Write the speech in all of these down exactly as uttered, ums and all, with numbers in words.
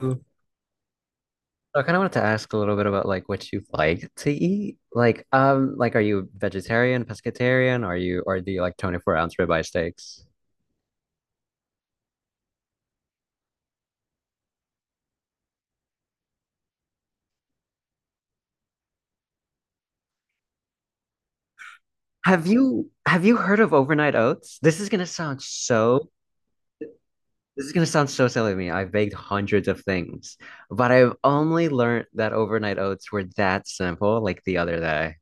So I kind of wanted to ask a little bit about like what you like to eat. Like, um, like are you vegetarian, pescatarian? Are you or do you like twenty-four ounce ribeye steaks? Have you have you heard of overnight oats? This is gonna sound so this is gonna sound so silly to me. I've baked hundreds of things, but I've only learned that overnight oats were that simple like the other day.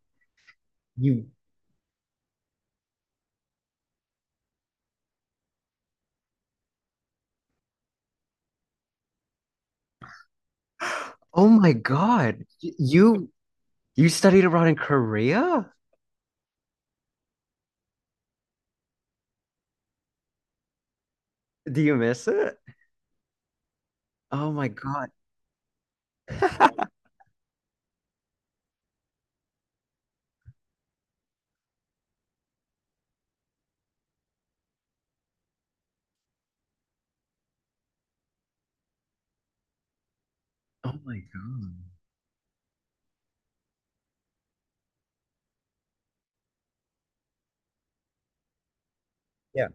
You, oh my God. Y- You you studied abroad in Korea? Do you miss it? Oh my God. Oh my God. Yeah.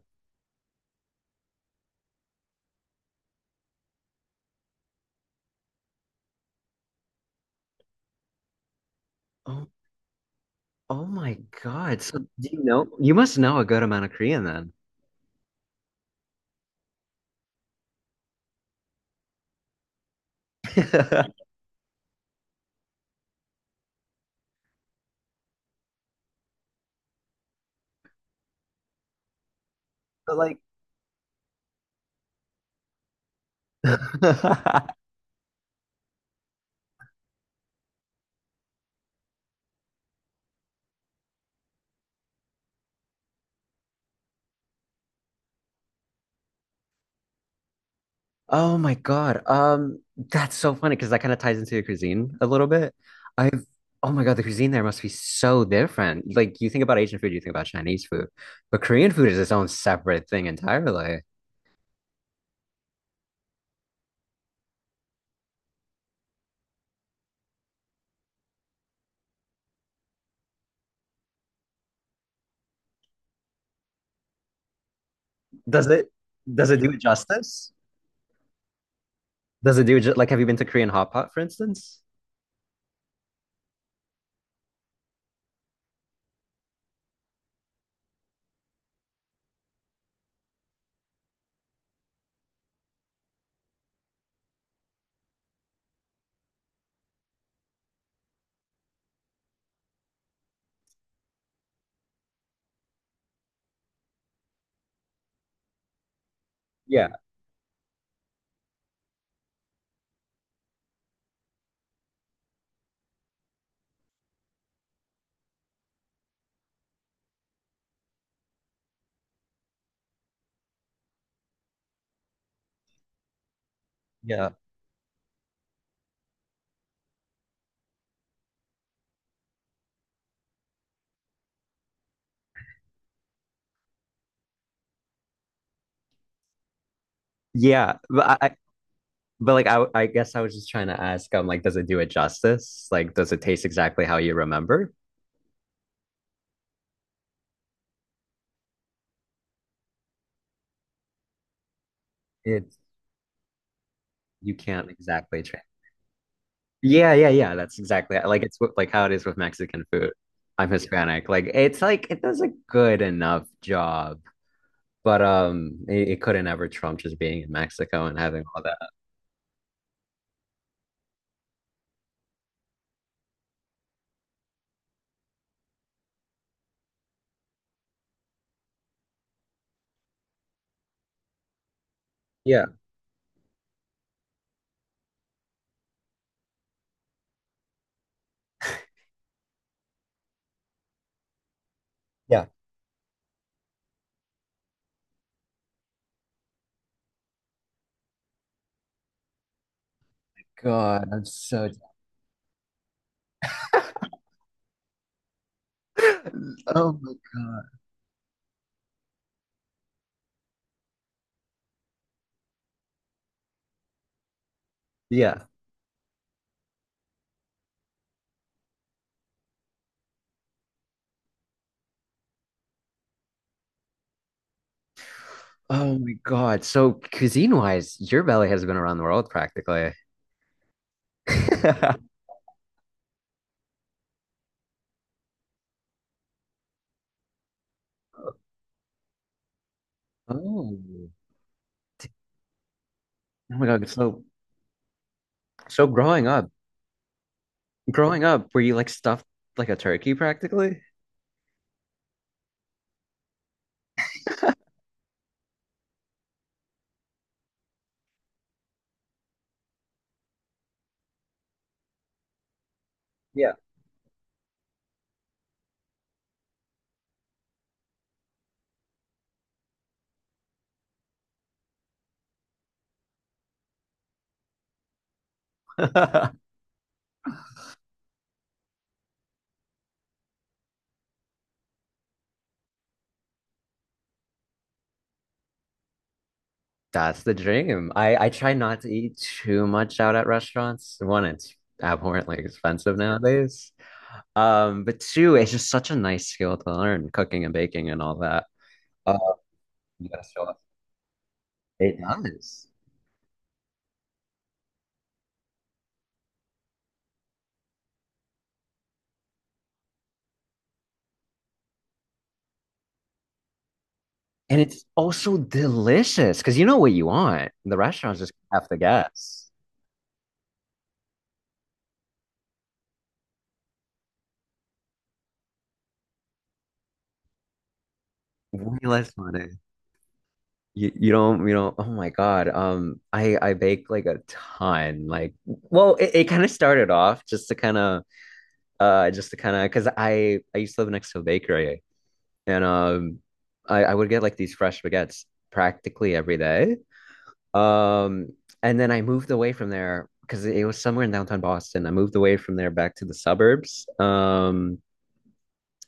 Oh, oh my God. So do you know you must know a good amount of Korean then. But like oh my God. Um that's so funny because that kind of ties into your cuisine a little bit. I've oh my God, the cuisine there must be so different. Like you think about Asian food, you think about Chinese food. But Korean food is its own separate thing entirely. Does it does it do it justice? Does it do it ju- like have you been to Korean hot pot, for instance? Yeah, yeah. Yeah, but I, But like I I guess I was just trying to ask, um, like, does it do it justice? Like, does it taste exactly how you remember? It's You can't exactly try. Yeah, yeah, yeah. That's exactly like it's what- like how it is with Mexican food. I'm Hispanic. Like it's like it does a good enough job, but um, it, it couldn't ever trump just being in Mexico and having all that. Yeah, yeah. God, I'm so. Oh my God. Yeah. Oh my God. So cuisine wise, your belly has been around the world practically. Oh, oh my God. So, so growing up, growing up, were you like stuffed like a turkey practically? Yeah. That's the dream. I I try not to eat too much out at restaurants. One, it's abhorrently expensive nowadays. Um, but two, it's just such a nice skill to learn, cooking and baking and all that. Uh, you gotta show off. It does. And it's also delicious because you know what you want. The restaurants just have to guess. Way less money. You, you don't you don't oh my God, um I I bake like a ton, like well it, it kind of started off just to kind of uh just to kind of because I I used to live next to a bakery, and um I I would get like these fresh baguettes practically every day, um and then I moved away from there because it was somewhere in downtown Boston. I moved away from there back to the suburbs, um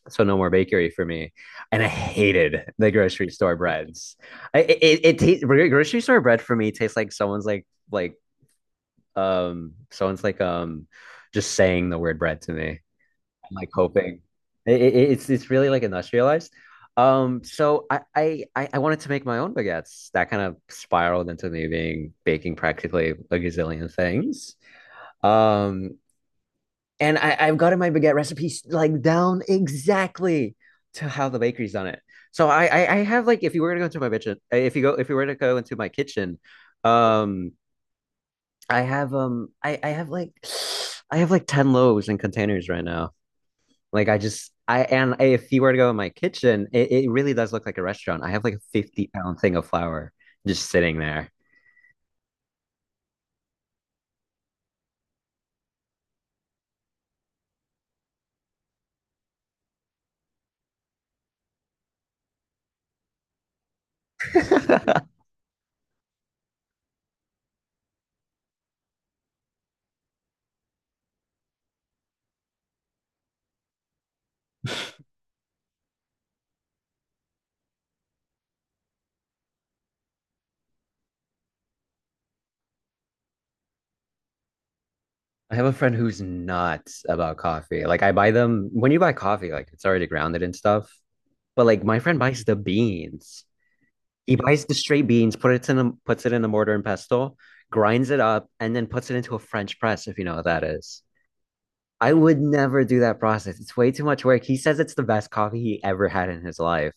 so no more bakery for me. And I hated the grocery store breads. I, it it, it tastes Grocery store bread for me tastes like someone's like like um someone's like um just saying the word bread to me. I'm like hoping it, it, it's it's really like industrialized. Um, so, I, I I I wanted to make my own baguettes. That kind of spiraled into me being baking practically a gazillion things. Um, and I, I've gotten my baguette recipes like down exactly to how the bakery's done it. So, I, I, I have like, if you were to go into my kitchen, if you go if you were to go into my kitchen, um, I have um I, I have like I have like ten loaves in containers right now. Like I just I and If you were to go in my kitchen, it, it really does look like a restaurant. I have like a fifty pound thing of flour just sitting there. I have a friend who's nuts about coffee. Like I buy them, when you buy coffee, like it's already grounded and stuff. But like my friend buys the beans. He buys the straight beans, put it in a, puts it in a mortar and pestle, grinds it up, and then puts it into a French press, if you know what that is. I would never do that process. It's way too much work. He says it's the best coffee he ever had in his life.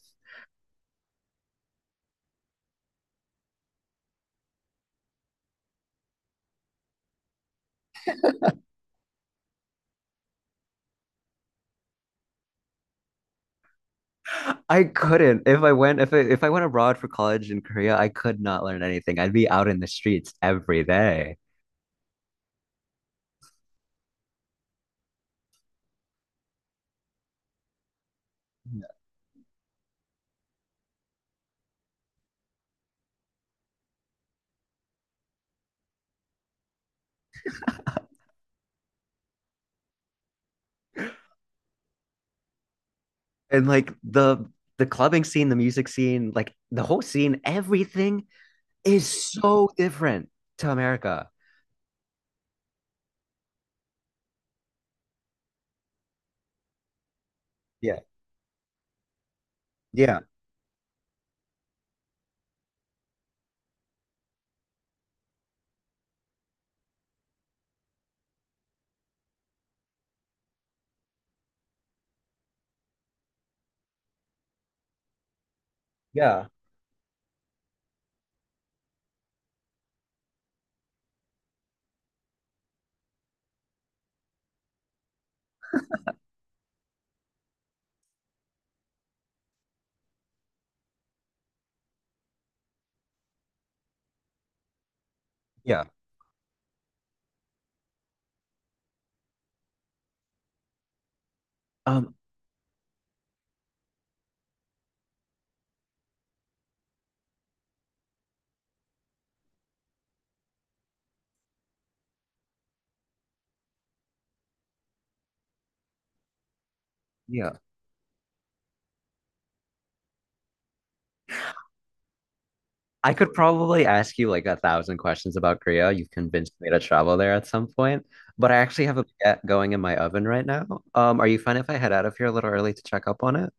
I couldn't. If I went if I, if I went abroad for college in Korea, I could not learn anything. I'd be out in the streets every day. And like the the clubbing scene, the music scene, like the whole scene, everything is so different to America. Yeah, yeah. Yeah. Yeah. Um, yeah. I could probably ask you like a thousand questions about Korea. You've convinced me to travel there at some point, but I actually have a baguette going in my oven right now. Um, are you fine if I head out of here a little early to check up on it?